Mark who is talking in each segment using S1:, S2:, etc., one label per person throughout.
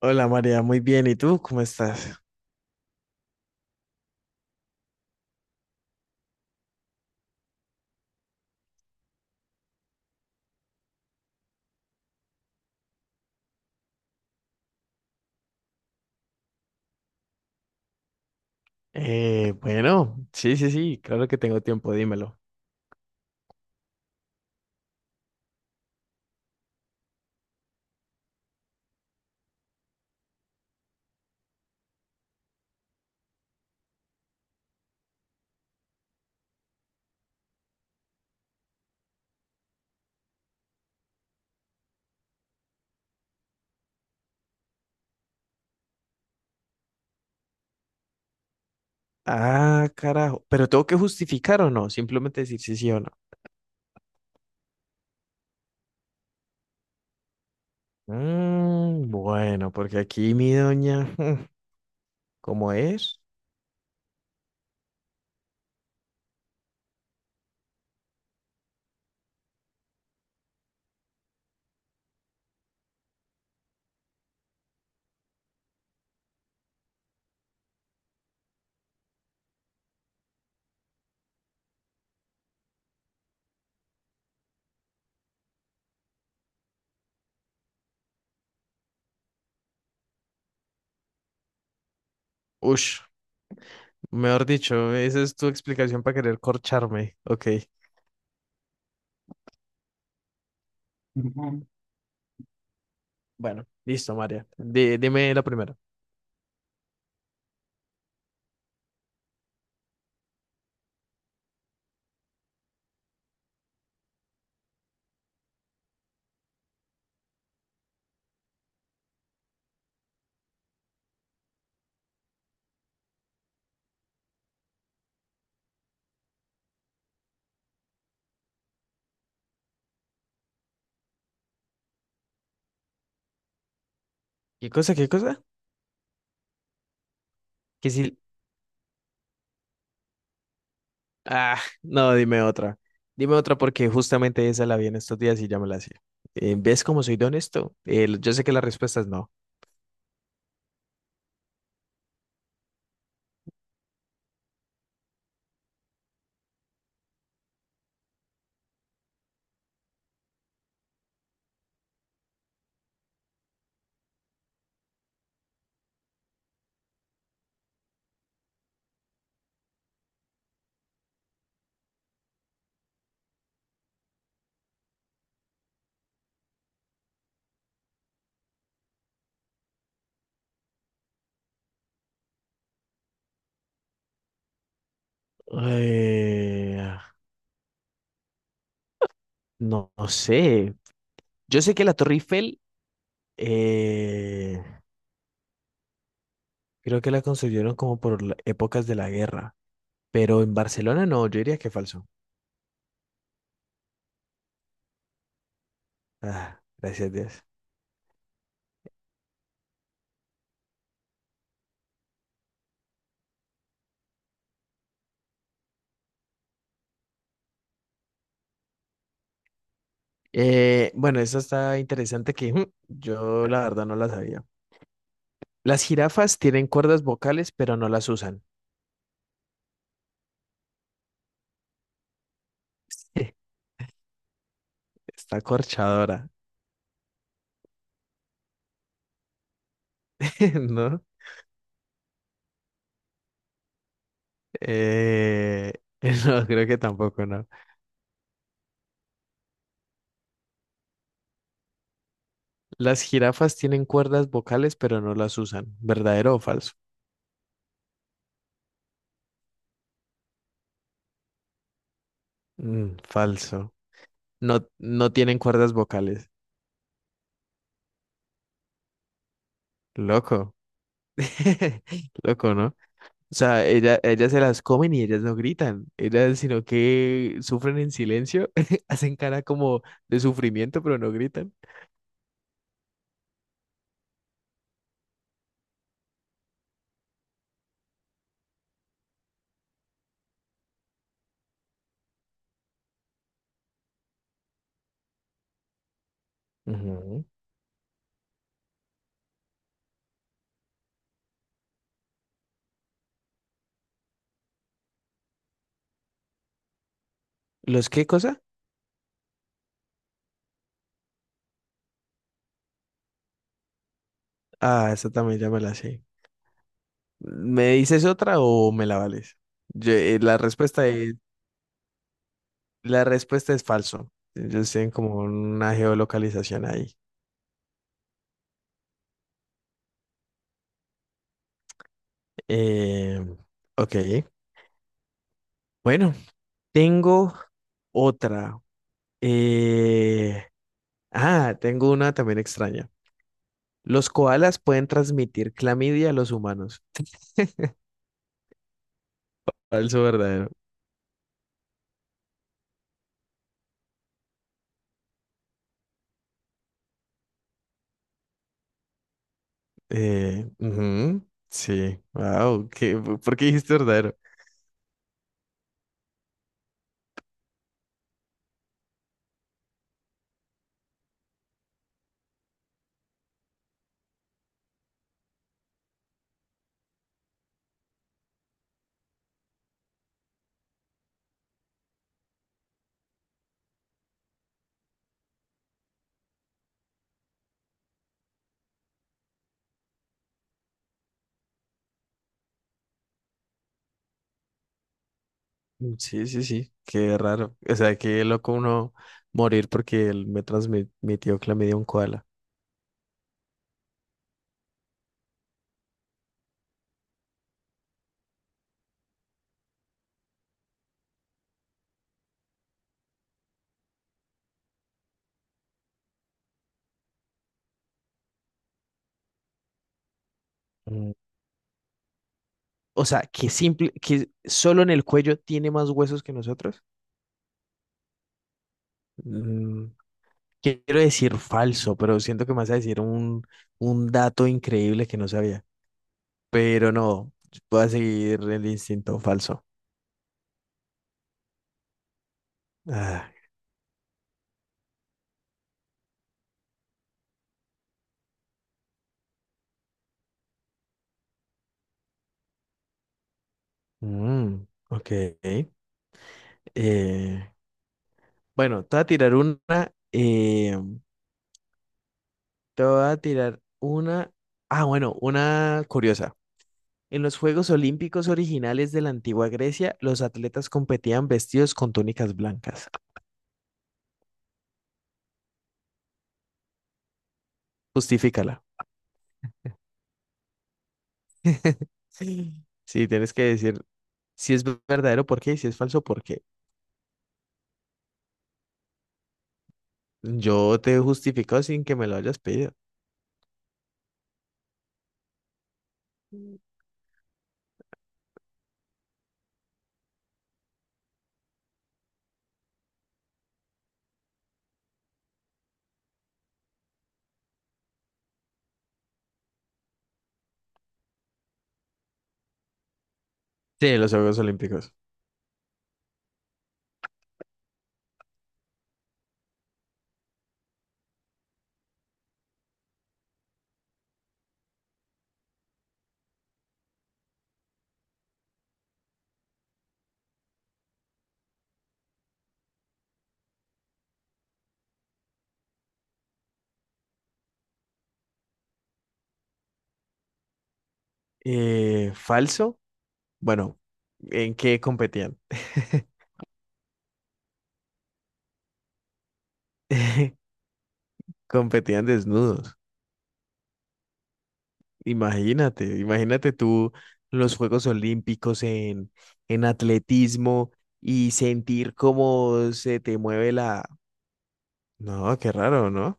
S1: Hola María, muy bien. ¿Y tú cómo estás? Bueno, sí, claro que tengo tiempo, dímelo. Ah, carajo, pero tengo que justificar o no, simplemente decir sí, sí o no. Mm, bueno, porque aquí mi doña, ¿cómo es? Ush, mejor dicho, esa es tu explicación para querer corcharme. Ok. Ujú. Bueno, listo, María. Dime la primera. ¿Qué cosa, qué cosa? Que si... Ah, no, dime otra. Dime otra porque justamente esa la vi en estos días y ya me la hacía. ¿Ves cómo soy de honesto? Yo sé que la respuesta es no. Eh, no, no sé. Yo sé que la Torre Eiffel, eh, creo que la construyeron como por épocas de la guerra, pero en Barcelona no, yo diría que falso. Ah, gracias, Dios. Bueno, esta está interesante que yo la verdad no la sabía. Las jirafas tienen cuerdas vocales, pero no las usan. Está corchadora, ¿no? Eh, no, creo que tampoco, ¿no? Las jirafas tienen cuerdas vocales, pero no las usan. ¿Verdadero o falso? Mm, falso. No, no tienen cuerdas vocales. Loco. Loco, ¿no? O sea, ellas se las comen y ellas no gritan. Ellas, sino que sufren en silencio, hacen cara como de sufrimiento, pero no gritan. Ujú. ¿Los qué cosa? Ah, esa también ya me la sé. ¿Me dices otra o me la vales? La respuesta... bueno, es, la respuesta es falso. Ellos tienen como una geolocalización ahí. Eh, ok. Bueno, tengo otra. Eh, Tengo una también extraña. Los koalas pueden transmitir clamidia a los humanos. Falso, verdadero. Ujú. Sí. Wow. Por qué dijiste verdadero? Sí, sí, sí, qué raro. O sea, qué loco uno morir porque él me transmitió clamidia a un koala. Mm. O sea, que simple, que solo en el cuello tiene más huesos que nosotros. Mm, quiero decir falso, pero siento que me vas a decir un dato increíble que no sabía. Pero no, voy a seguir el instinto falso. Ah, mm, ok. Eh, bueno, te voy a tirar una. eh, Te voy a tirar una. Ah, bueno, una curiosa. En los Juegos Olímpicos originales de la antigua Grecia, los atletas competían vestidos con túnicas blancas. Justifícala. Sí, sí, tienes que decir si es verdadero por qué y si es falso por qué. Yo te he justificado sin que me lo hayas pedido. Sí, los Juegos Olímpicos. ¿Falso? Bueno, ¿en qué competían? Competían desnudos. Imagínate, imagínate tú los Juegos Olímpicos en atletismo y sentir cómo se te mueve la... No, qué raro, ¿no?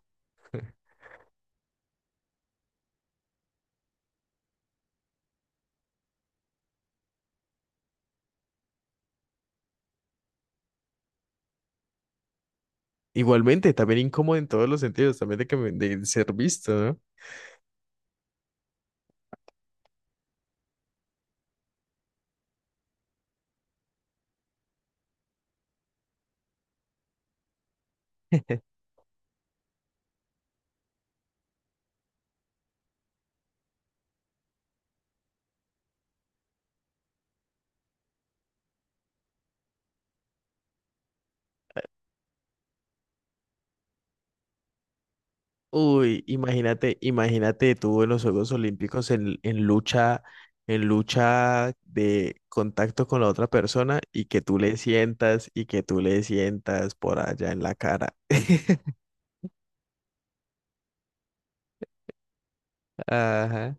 S1: Igualmente, también incómodo en todos los sentidos, también de, de ser visto, ¿no? Uy, imagínate, imagínate tú en los Juegos Olímpicos en lucha de contacto con la otra persona y que tú le sientas y que tú le sientas por allá en la cara. Ajá.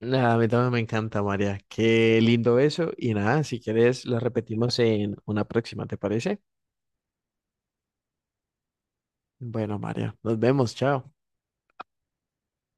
S1: Nada, a mí también me encanta, María. Qué lindo eso. Y nada, si quieres, lo repetimos en una próxima, ¿te parece? Bueno, María, nos vemos. Chao.